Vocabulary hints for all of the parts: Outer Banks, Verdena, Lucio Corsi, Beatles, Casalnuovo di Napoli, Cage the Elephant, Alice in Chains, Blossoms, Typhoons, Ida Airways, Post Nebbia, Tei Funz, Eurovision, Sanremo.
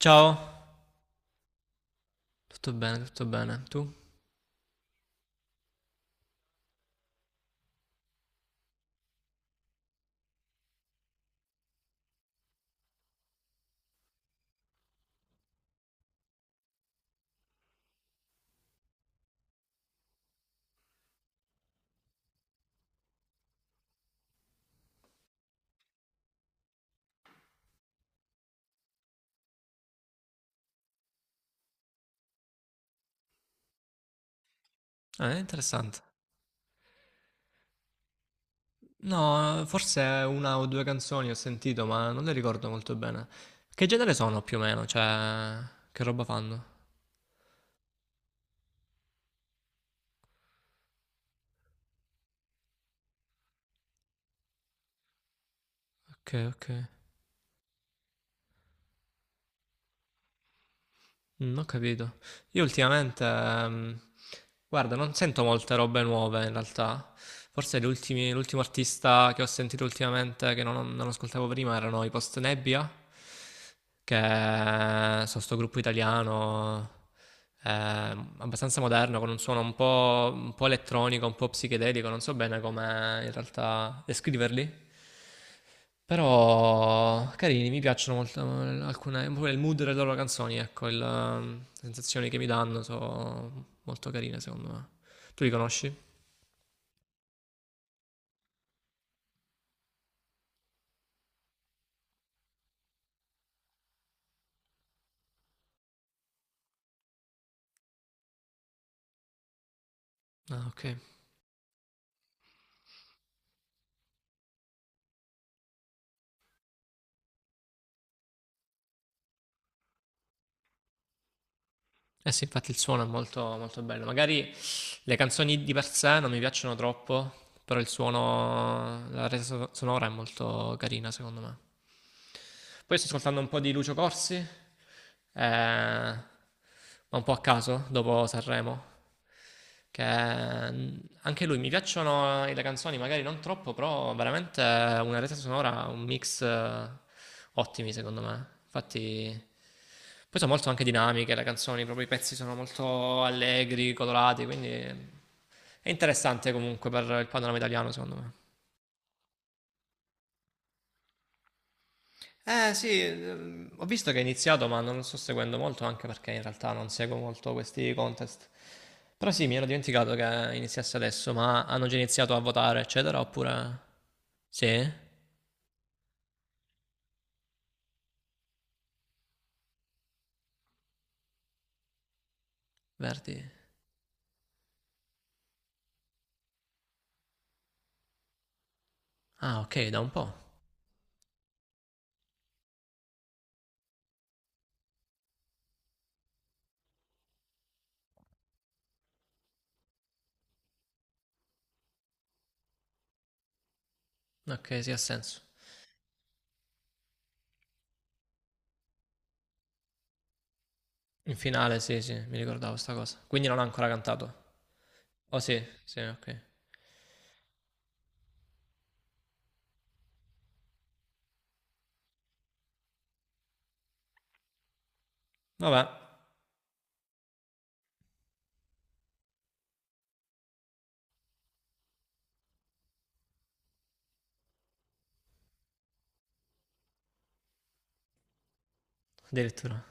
Ciao, tu? Ah, è interessante. No, forse una o due canzoni ho sentito, ma non le ricordo molto bene. Che genere sono più o meno? Cioè, che roba fanno? Ok, ok. Mm, ho capito. Io ultimamente, guarda, non sento molte robe nuove in realtà. Forse l'ultimo artista che ho sentito ultimamente, che non ascoltavo prima, erano i Post Nebbia, che sono sto gruppo italiano, abbastanza moderno, con un suono un po' elettronico, un po' psichedelico, non so bene come in realtà descriverli. Però carini, mi piacciono molto alcune, pure il mood delle loro canzoni, ecco, le sensazioni che mi danno sono molto carine secondo me. Tu li conosci? Ah, ok. Eh sì, infatti il suono è molto, molto bello. Magari le canzoni di per sé non mi piacciono troppo, però il suono, sonora è molto carina secondo me. Poi sto ascoltando un po' di Lucio Corsi, ma un po' a caso, dopo Sanremo. Che anche lui mi piacciono le canzoni, magari non troppo, però veramente una resa sonora, un mix ottimi secondo me. Infatti, poi sono molto anche dinamiche le canzoni, proprio i pezzi sono molto allegri, colorati, quindi è interessante comunque per il panorama italiano secondo me. Eh sì, ho visto che è iniziato, ma non lo sto seguendo molto, anche perché in realtà non seguo molto questi contest. Però sì, mi ero dimenticato che iniziasse adesso, ma hanno già iniziato a votare, eccetera, oppure... Sì? Verdi? Ah, ok, da un po'. Ok, sì, ha senso. In finale, sì, sì, mi ricordavo sta cosa. Quindi non ha ancora cantato. Oh sì, sì, ok. Vabbè, addirittura.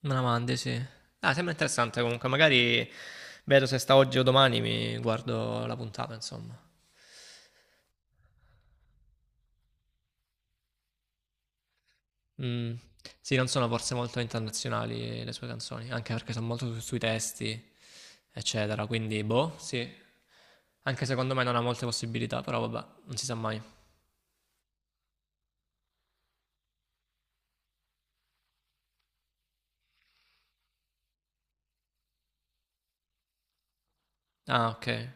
Me la mandi, sì. Ah, sembra interessante comunque, magari vedo se sta oggi o domani mi guardo la puntata, insomma. Mh. Sì, non sono forse molto internazionali le sue canzoni, anche perché son molto su sui testi, eccetera, quindi boh, sì. Anche secondo me non ha molte possibilità, però vabbè, non si sa mai. Ah, okay.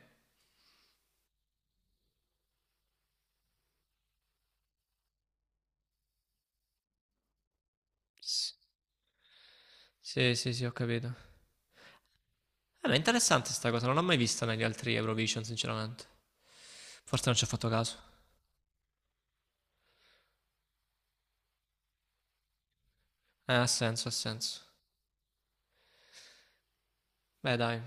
S sì, sì, sì, ho capito. Ma è interessante 'sta cosa, non l'ho mai vista negli altri Eurovision sinceramente. Forse non ci ho fatto caso. Ha senso, ha senso. Beh, dai.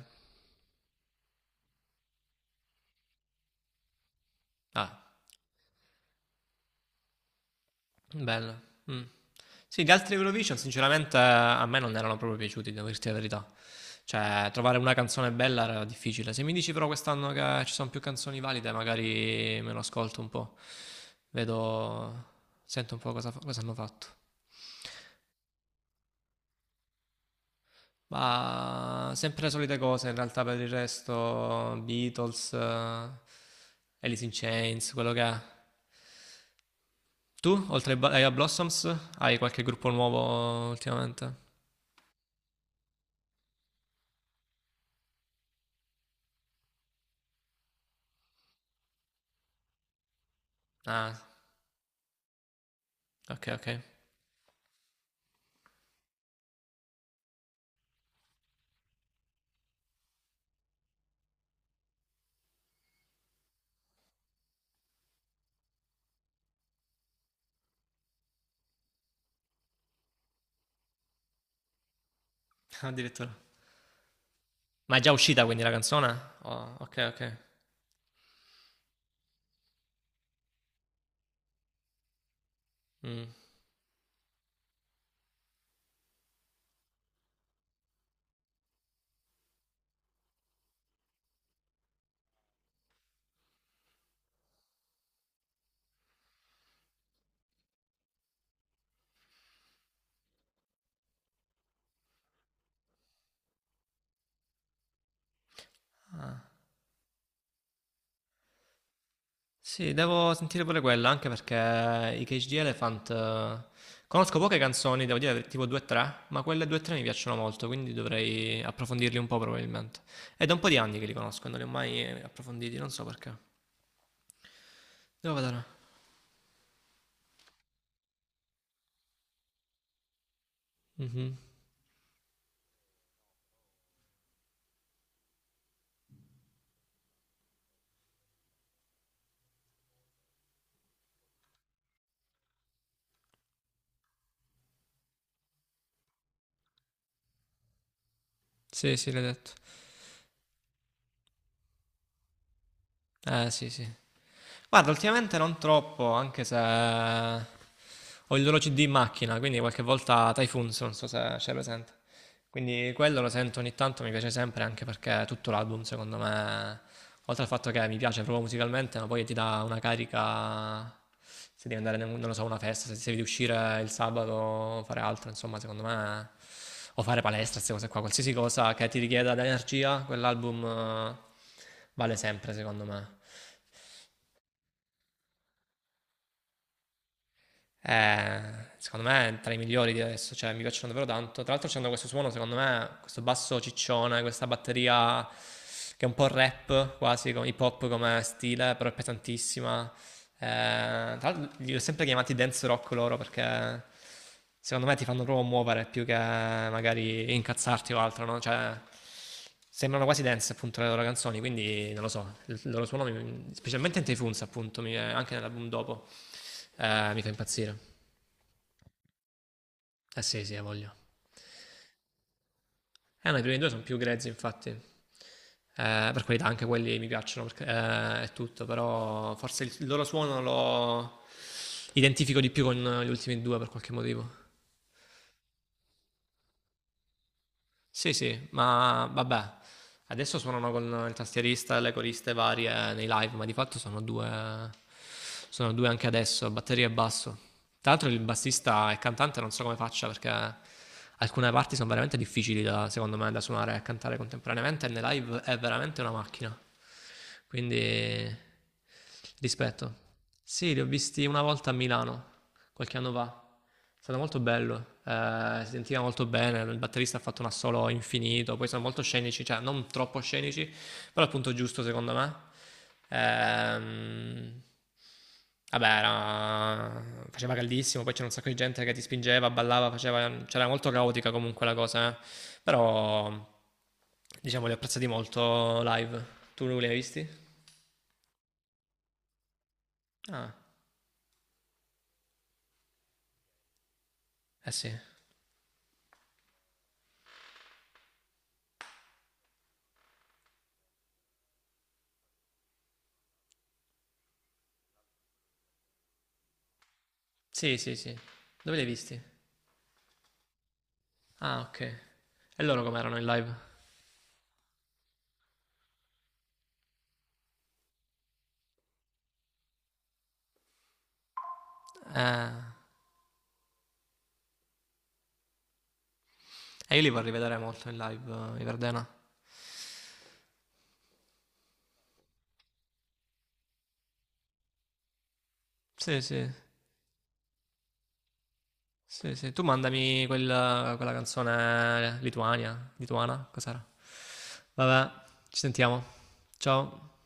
Ah, bello. Mh. Sì, gli altri Eurovision sinceramente a me non erano proprio piaciuti, devo dirti la verità. Cioè, trovare una canzone bella era difficile. Se mi dici però quest'anno che ci sono più canzoni valide, magari me lo ascolto un po'. Vedo, sento un po' cosa hanno fatto. Ma sempre le solite cose, in realtà per il resto, Beatles, Alice in Chains, quello che è. Tu, ai Blossoms, hai qualche gruppo nuovo ultimamente? Ah, ok, ok. Addirittura. Ma è già uscita quindi la canzone? Oh, ok, ok. Mm. Sì, devo sentire pure quella, anche perché i Cage the Elephant... conosco poche canzoni, devo dire tipo 2-3, ma quelle 2-3 mi piacciono molto, quindi dovrei approfondirli un po' probabilmente. È da un po' di anni che li conosco, non li ho mai approfonditi, non so perché. Devo vedere. Mhm. Sì, sì, l'hai detto. Sì, sì. Guarda, ultimamente non troppo, anche se ho il loro CD in macchina, quindi qualche volta Typhoons, non so se c'è presente. Quindi quello lo sento ogni tanto, mi piace sempre, anche perché tutto l'album, secondo me, oltre al fatto che mi piace proprio musicalmente, ma poi ti dà una carica se devi andare, non lo so, a una festa, se devi uscire il sabato, fare altro, insomma, secondo me, o fare palestra, queste cose qua, qualsiasi cosa che ti richieda dell'energia, quell'album vale sempre, secondo me. Eh, secondo me è tra i migliori di adesso, cioè mi piacciono davvero tanto. Tra l'altro c'hanno questo suono, secondo me, questo basso ciccione, questa batteria che è un po' rap, hip hop come stile, però è pesantissima. Eh, tra l'altro li ho sempre chiamati dance rock loro perché secondo me ti fanno proprio muovere più che magari incazzarti o altro, no? Cioè, sembrano quasi dance appunto le loro canzoni, quindi non lo so, il loro suono, specialmente in Tei Funz appunto, anche nell'album dopo, mi fa impazzire. Eh sì, sì, ha voglia. Eh no, i primi due sono più grezzi, infatti. Per qualità anche quelli mi piacciono, perché è tutto, però forse il loro suono lo identifico di più con gli ultimi due per qualche motivo. Sì, sì, ma vabbè. Adesso suonano con il tastierista e le coriste varie nei live, ma di fatto sono due anche adesso, batteria e basso. Tra l'altro il bassista e il cantante non so come faccia perché alcune parti sono veramente difficili da, secondo me da suonare e cantare contemporaneamente e nei live è veramente una macchina. Quindi rispetto. Sì, li ho visti una volta a Milano, qualche anno fa. È stato molto bello, si sentiva molto bene, il batterista ha fatto un assolo infinito, poi sono molto scenici, cioè non troppo scenici, però il punto giusto, secondo me, ehm, vabbè, era- faceva caldissimo, poi c'era un sacco di gente che ti spingeva, ballava, faceva, c'era molto caotica comunque la cosa, eh. Però, diciamo, li ho apprezzati molto live. Tu li hai visti? Ah, eh sì. Sì, sì, sì. Dove li hai visti? Ah, ok. E loro com'erano in live? Eh, e io li vorrei vedere molto in live, i Verdena. Sì, sì. Sì, sì, tu mandami quella canzone Lituania, lituana, cos'era? Vabbè, ci sentiamo. Ciao.